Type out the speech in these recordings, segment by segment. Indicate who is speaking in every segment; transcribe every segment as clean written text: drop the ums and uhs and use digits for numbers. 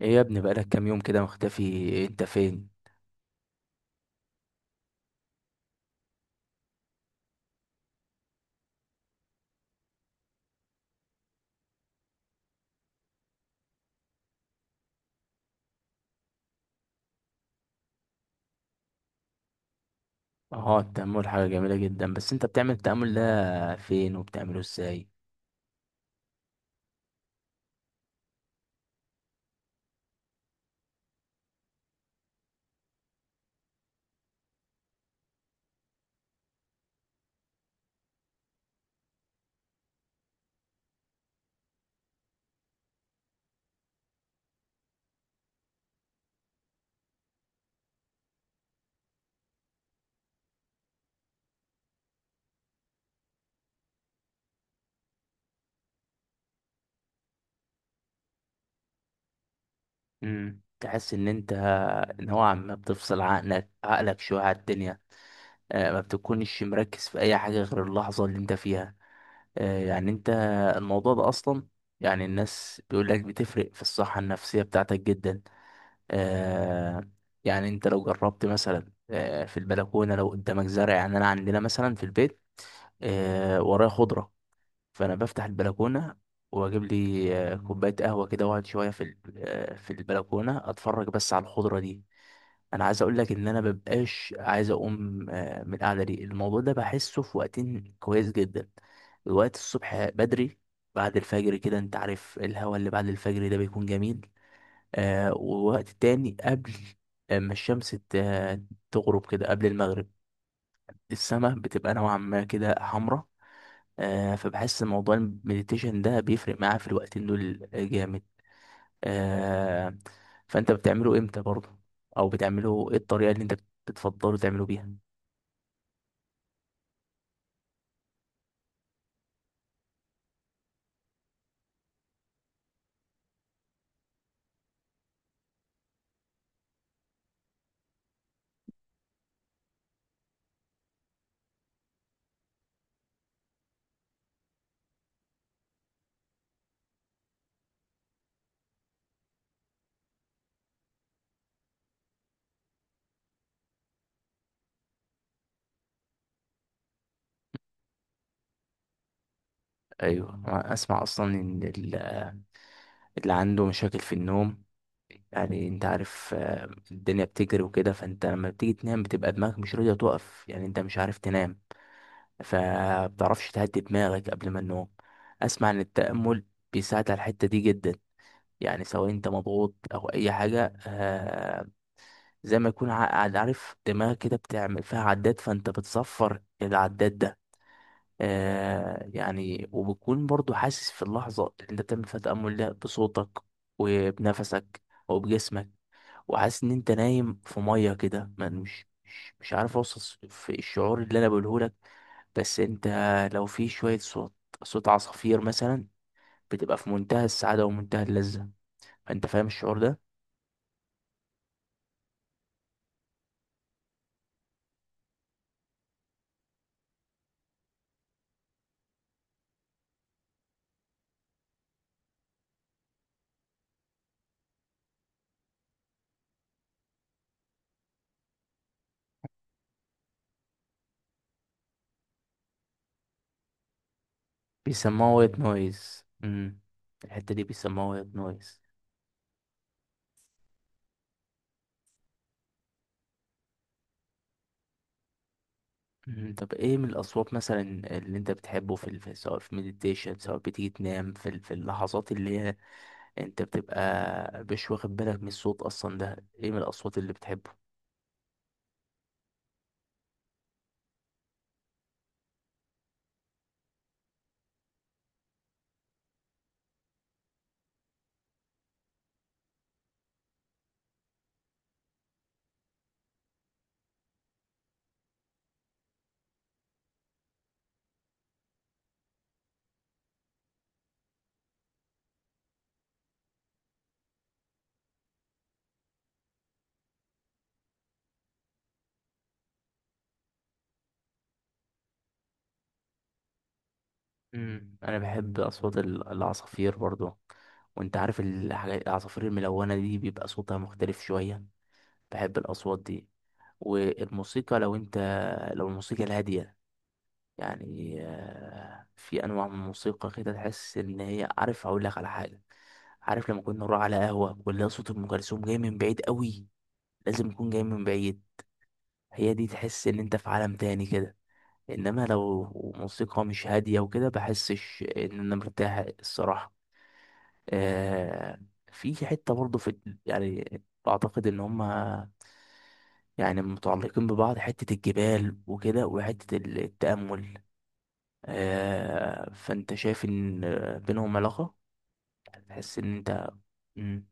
Speaker 1: ايه يا ابني، بقالك كام يوم كده مختفي، انت فين؟ اه التأمل حاجة جميلة جدا، بس انت بتعمل التأمل ده فين وبتعمله ازاي؟ تحس ان انت نوعا ما بتفصل عقلك شوية على الدنيا. ما بتكونش مركز في اي حاجة غير اللحظة اللي انت فيها. آه يعني انت الموضوع ده اصلا، يعني الناس بيقول لك بتفرق في الصحة النفسية بتاعتك جدا. آه يعني انت لو جربت مثلا في البلكونة، لو قدامك زرع، يعني انا عندنا مثلا في البيت، ورايا خضرة، فانا بفتح البلكونه، واجيب لي كوبايه قهوه كده، واقعد شويه في في البلكونه اتفرج بس على الخضره دي. انا عايز اقول لك ان انا مبقاش عايز اقوم من القعده دي. الموضوع ده بحسه في وقتين كويس جدا: الوقت الصبح بدري، بعد الفجر كده، انت عارف الهوا اللي بعد الفجر ده بيكون جميل. ووقت تاني، قبل اما الشمس تغرب كده، قبل المغرب، السماء بتبقى نوعا ما كده حمراء. فبحس إن موضوع المديتيشن ده بيفرق معاه في الوقتين دول جامد. آه فانت بتعمله امتى برضه؟ او بتعمله ايه الطريقة اللي انت بتفضله تعمله بيها؟ ايوه، أنا اسمع اصلا ان اللي عنده مشاكل في النوم، يعني انت عارف، الدنيا بتجري وكده، فانت لما بتيجي تنام بتبقى دماغك مش راضية تقف، يعني انت مش عارف تنام، فبتعرفش تهدي دماغك قبل ما النوم. اسمع ان التأمل بيساعد على الحتة دي جدا. يعني سواء انت مضغوط او اي حاجه، زي ما يكون عارف دماغك كده بتعمل فيها عداد، فانت بتصفر العداد ده. يعني وبتكون برضو حاسس في اللحظه اللي انت بتعمل فيها تامل ده، بصوتك، وبنفسك، وبجسمك، وحاسس ان انت نايم في ميه كده، مش عارف اوصف في الشعور اللي انا بقوله لك. بس انت لو في شويه صوت، صوت عصافير مثلا، بتبقى في منتهى السعاده ومنتهى اللذه. فانت فاهم الشعور ده؟ بيسموها وايت نويز. الحتة دي بيسموها وايت نويز. مم. طب ايه من الاصوات مثلا اللي انت بتحبه سواء في مديتيشن، سواء بتيجي تنام في اللحظات اللي هي انت بتبقى مش واخد بالك من الصوت اصلا، ده ايه من الاصوات اللي بتحبه؟ مم. انا بحب اصوات العصافير برضو. وانت عارف الحاجات العصافير الملونة دي بيبقى صوتها مختلف شوية، بحب الاصوات دي. والموسيقى لو انت، لو الموسيقى الهادية، يعني في انواع من الموسيقى كده تحس ان هي، عارف اقول لك على حاجه، عارف لما كنا نروح على قهوه ولا صوت ام كلثوم جاي من بعيد قوي، لازم يكون جاي من بعيد، هي دي تحس ان انت في عالم تاني كده. انما لو موسيقى مش هاديه وكده بحسش ان انا مرتاح الصراحه. آه في حته برضه، يعني اعتقد ان هما يعني متعلقين ببعض، حته الجبال وكده وحته التامل. فانت شايف ان، بينهم علاقة، تحس ان انت... مم.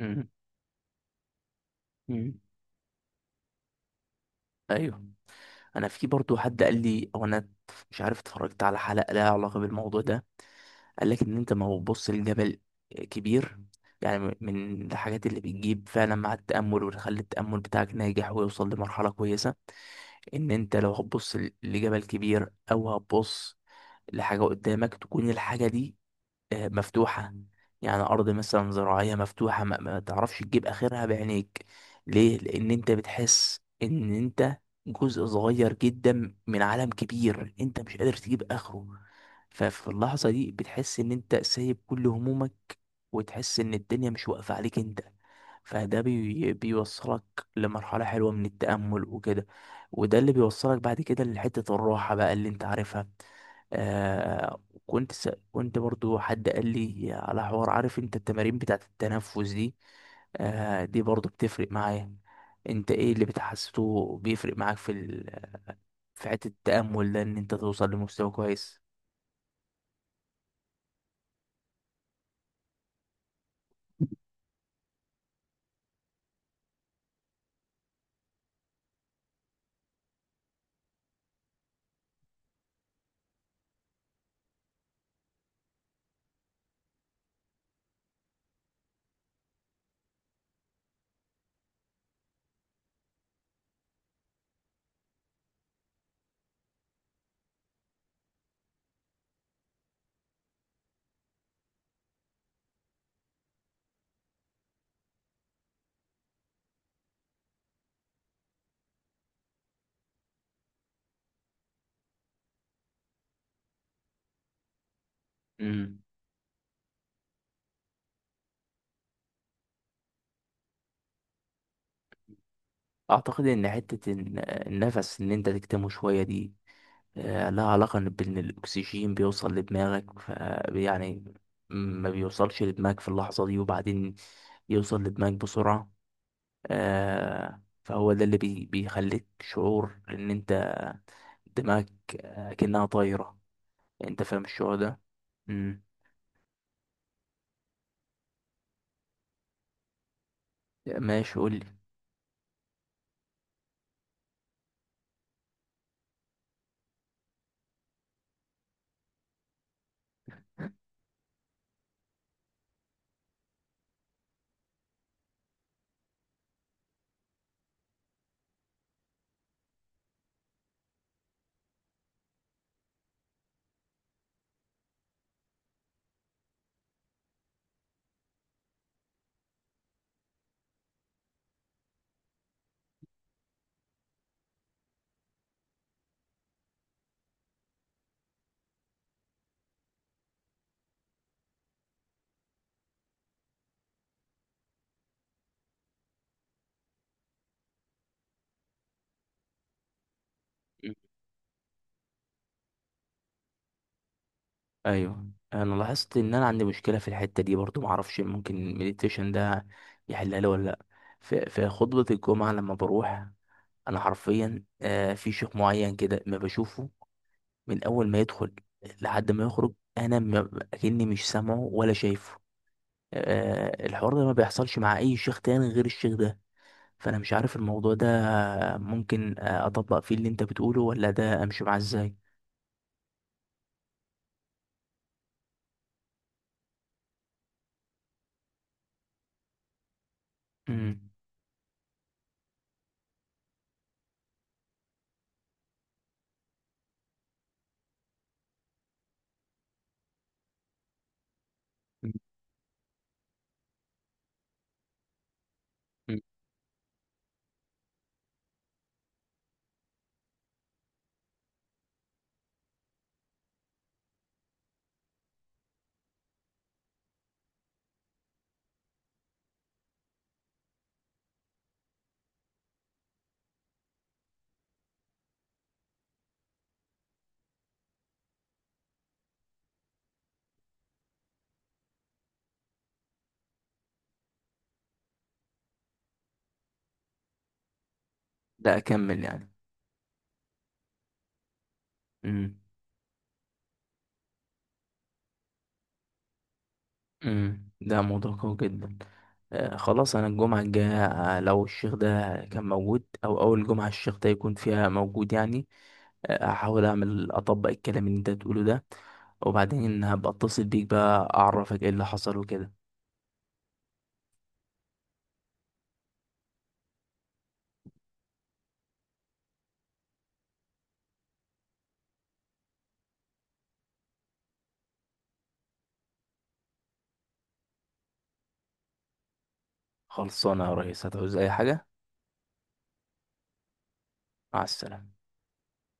Speaker 1: مم. مم. ايوه، انا في برضو حد قال لي، او انا مش عارف، اتفرجت على حلقة لها علاقة بالموضوع ده، قال لك ان انت ما بتبص لجبل كبير، يعني من الحاجات اللي بتجيب فعلا مع التأمل وتخلي التأمل بتاعك ناجح ويوصل لمرحلة كويسة، ان انت لو هتبص لجبل كبير، او هتبص لحاجة قدامك تكون الحاجة دي مفتوحة، يعني أرض مثلا زراعية مفتوحة، ما تعرفش تجيب آخرها بعينيك. ليه؟ لأن أنت بتحس إن أنت جزء صغير جدا من عالم كبير، أنت مش قادر تجيب آخره. ففي اللحظة دي بتحس إن أنت سايب كل همومك، وتحس إن الدنيا مش واقفة عليك أنت. فده بيوصلك لمرحلة حلوة من التأمل وكده، وده اللي بيوصلك بعد كده لحتة الراحة بقى اللي أنت عارفها. آه كنت كنت برضو حد قال لي على حوار، عارف انت التمارين بتاعت التنفس دي، دي برضو بتفرق معايا. انت ايه اللي بتحسسه بيفرق معاك في حتة التأمل ده، ان انت توصل لمستوى كويس؟ امم اعتقد ان حتة النفس، ان انت تكتمه شوية دي، لها علاقة إن بان الاكسجين بيوصل لدماغك، يعني ما بيوصلش لدماغك في اللحظة دي، وبعدين يوصل لدماغك بسرعة. فهو ده اللي بيخليك شعور ان انت، دماغك كأنها طايرة. انت فاهم الشعور ده؟ امم ماشي، قول لي. مم. ايوه، انا لاحظت ان انا عندي مشكله في الحته دي برضو، معرفش ممكن المديتيشن ده يحلها لي ولا لا. في خطبه الجمعه لما بروح انا حرفيا، في شيخ معين كده ما بشوفه من اول ما يدخل لحد ما يخرج، انا اكني مش سامعه ولا شايفه. الحوار ده ما بيحصلش مع اي شيخ تاني غير الشيخ ده. فانا مش عارف الموضوع ده، ممكن اطبق فيه اللي انت بتقوله، ولا ده امشي معاه ازاي؟ امم. أمم. لا، اكمل يعني. امم. امم. ده موضوع قوي جدا. خلاص، انا الجمعه الجايه، لو الشيخ ده كان موجود او اول جمعه الشيخ ده يكون فيها موجود يعني، هحاول اطبق الكلام اللي انت بتقوله ده، وبعدين هبقى اتصل بيك بقى اعرفك ايه اللي حصل وكده. خلصانه يا ريس، هتعوز اي حاجه. مع السلامة.